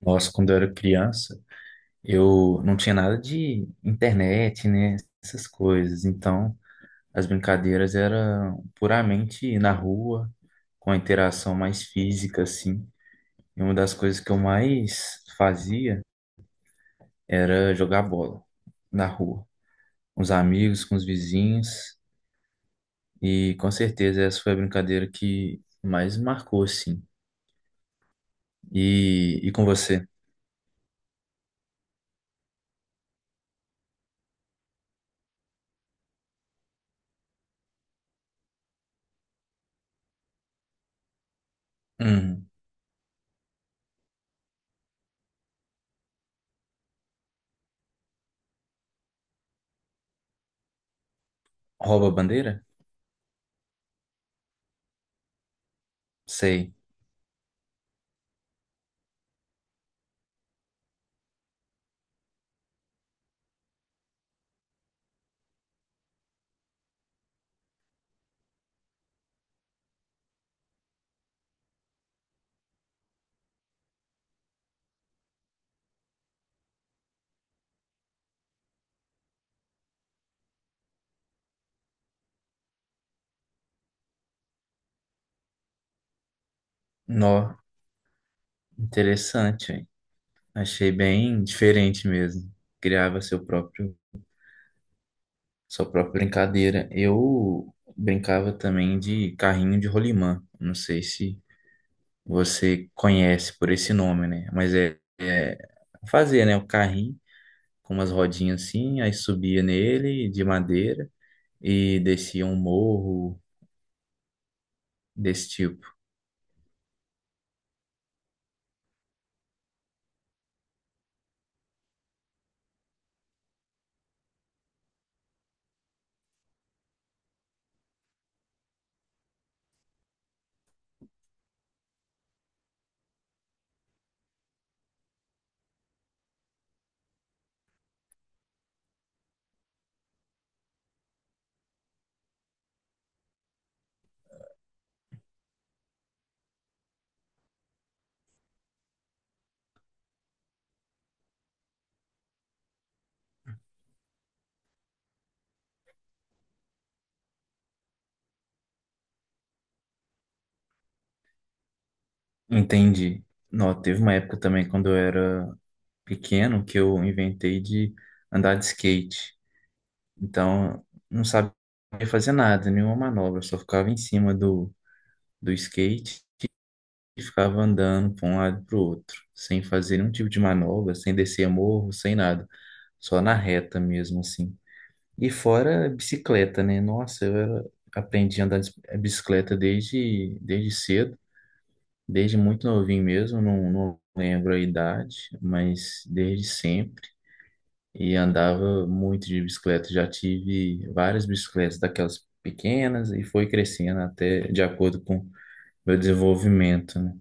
Nossa, quando eu era criança, eu não tinha nada de internet, né? Essas coisas. Então, as brincadeiras eram puramente na rua, com a interação mais física, assim. E uma das coisas que eu mais fazia era jogar bola na rua, com os amigos, com os vizinhos. E com certeza essa foi a brincadeira que mais marcou, assim. E com você? Hum, rouba a bandeira? Sei. Nó, interessante, achei bem diferente mesmo. Criava seu próprio, sua própria brincadeira. Eu brincava também de carrinho de rolimã. Não sei se você conhece por esse nome, né? Mas é fazer, né? O carrinho com umas rodinhas assim, aí subia nele de madeira e descia um morro desse tipo. Entendi. Não, teve uma época também quando eu era pequeno que eu inventei de andar de skate. Então, não sabia fazer nada, nenhuma manobra, só ficava em cima do skate e ficava andando para um lado e para o outro, sem fazer nenhum tipo de manobra, sem descer morro, sem nada, só na reta mesmo, assim. E fora bicicleta, né? Nossa, aprendi a andar de bicicleta desde cedo, desde muito novinho mesmo, não lembro a idade, mas desde sempre. E andava muito de bicicleta. Já tive várias bicicletas daquelas pequenas e foi crescendo até de acordo com meu desenvolvimento, né?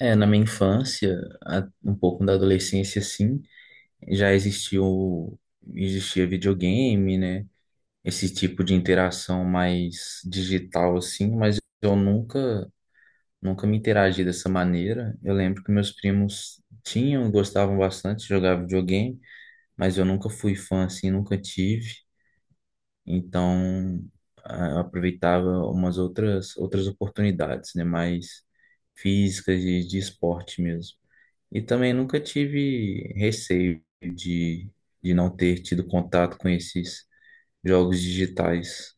É, na minha infância, um pouco da adolescência, sim, já existiu, existia videogame, né? Esse tipo de interação mais digital, assim, mas eu nunca, nunca me interagi dessa maneira. Eu lembro que meus primos tinham, gostavam bastante de jogar videogame, mas eu nunca fui fã, assim, nunca tive. Então, eu aproveitava umas outras oportunidades, né, mais físicas de esporte mesmo. E também nunca tive receio de não ter tido contato com esses jogos digitais.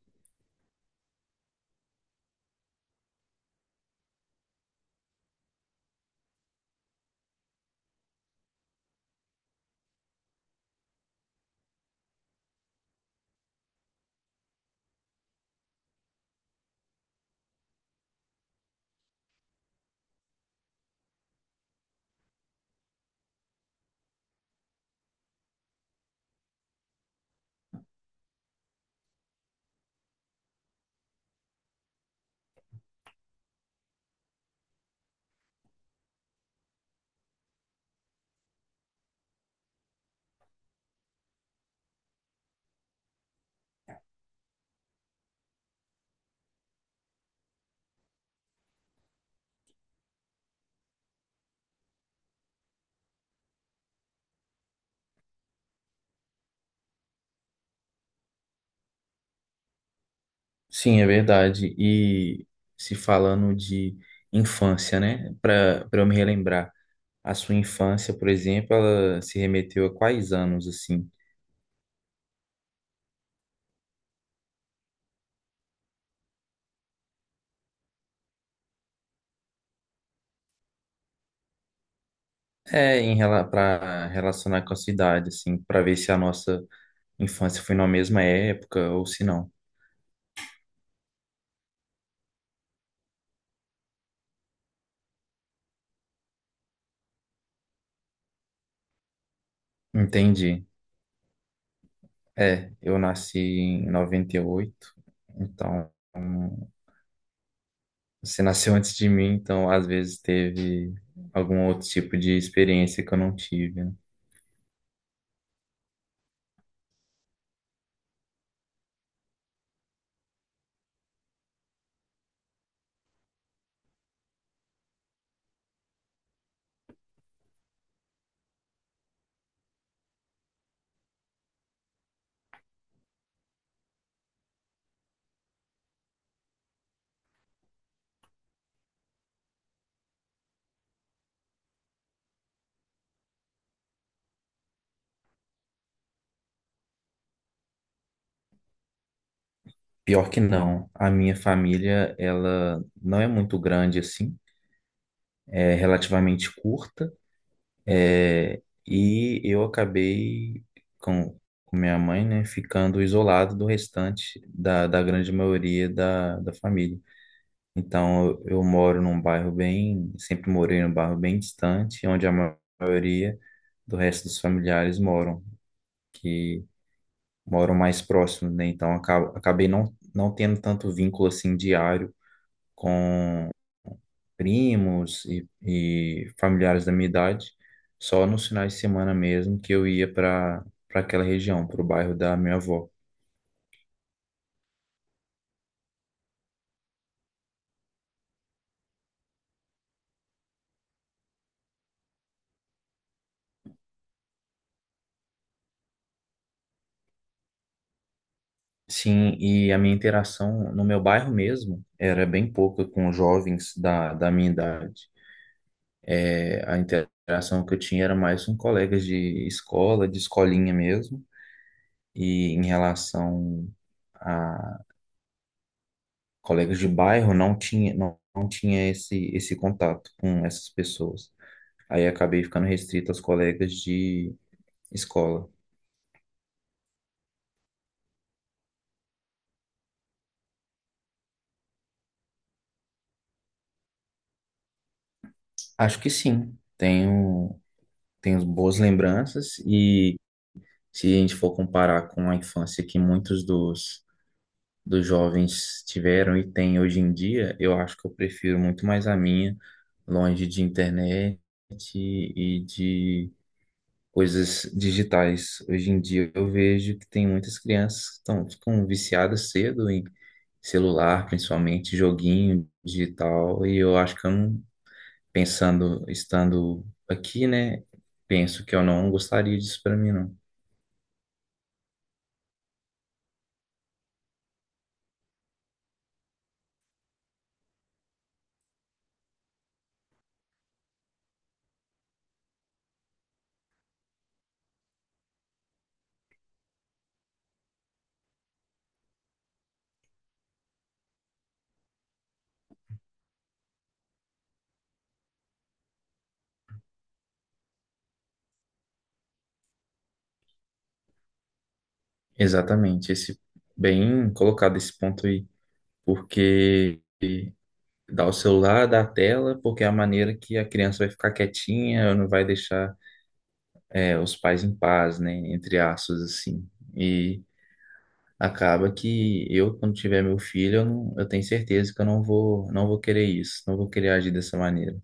Sim, é verdade. E se falando de infância, né, para eu me relembrar, a sua infância, por exemplo, ela se remeteu a quais anos assim? Em para relacionar com a cidade, assim, para ver se a nossa infância foi na mesma época, ou se não. Entendi. É, eu nasci em 98, então hum, você nasceu antes de mim, então às vezes teve algum outro tipo de experiência que eu não tive, né? Pior que não, a minha família, ela não é muito grande assim, é relativamente curta, é, e eu acabei com, com minha mãe, né, ficando isolado do restante da grande maioria da família. Então, eu moro num bairro bem, sempre morei num bairro bem distante, onde a maioria do resto dos familiares moram, que moram mais próximos, né? Então, acabei não tendo tanto vínculo assim diário com primos e familiares da minha idade, só nos finais de semana mesmo que eu ia para aquela região, para o bairro da minha avó. Sim, e a minha interação no meu bairro mesmo era bem pouca com jovens da minha idade. É, a interação que eu tinha era mais com colegas de escola, de escolinha mesmo, e em relação a colegas de bairro, não tinha, não tinha esse contato com essas pessoas. Aí acabei ficando restrito aos colegas de escola. Acho que sim, tenho boas lembranças, e se a gente for comparar com a infância, que muitos dos jovens tiveram e têm hoje em dia, eu acho que eu prefiro muito mais a minha, longe de internet e de coisas digitais. Hoje em dia eu vejo que tem muitas crianças que estão, ficam viciadas cedo em celular, principalmente joguinho digital, e eu acho que eu não, pensando, estando aqui, né, penso que eu não gostaria disso para mim, não. Exatamente, esse bem colocado esse ponto aí, porque dá o celular, dá a tela, porque é a maneira que a criança vai ficar quietinha, não vai deixar é, os pais em paz, né? Entre aspas, assim. E acaba que eu, quando tiver meu filho, eu, não, eu tenho certeza que eu não vou querer isso, não vou querer agir dessa maneira.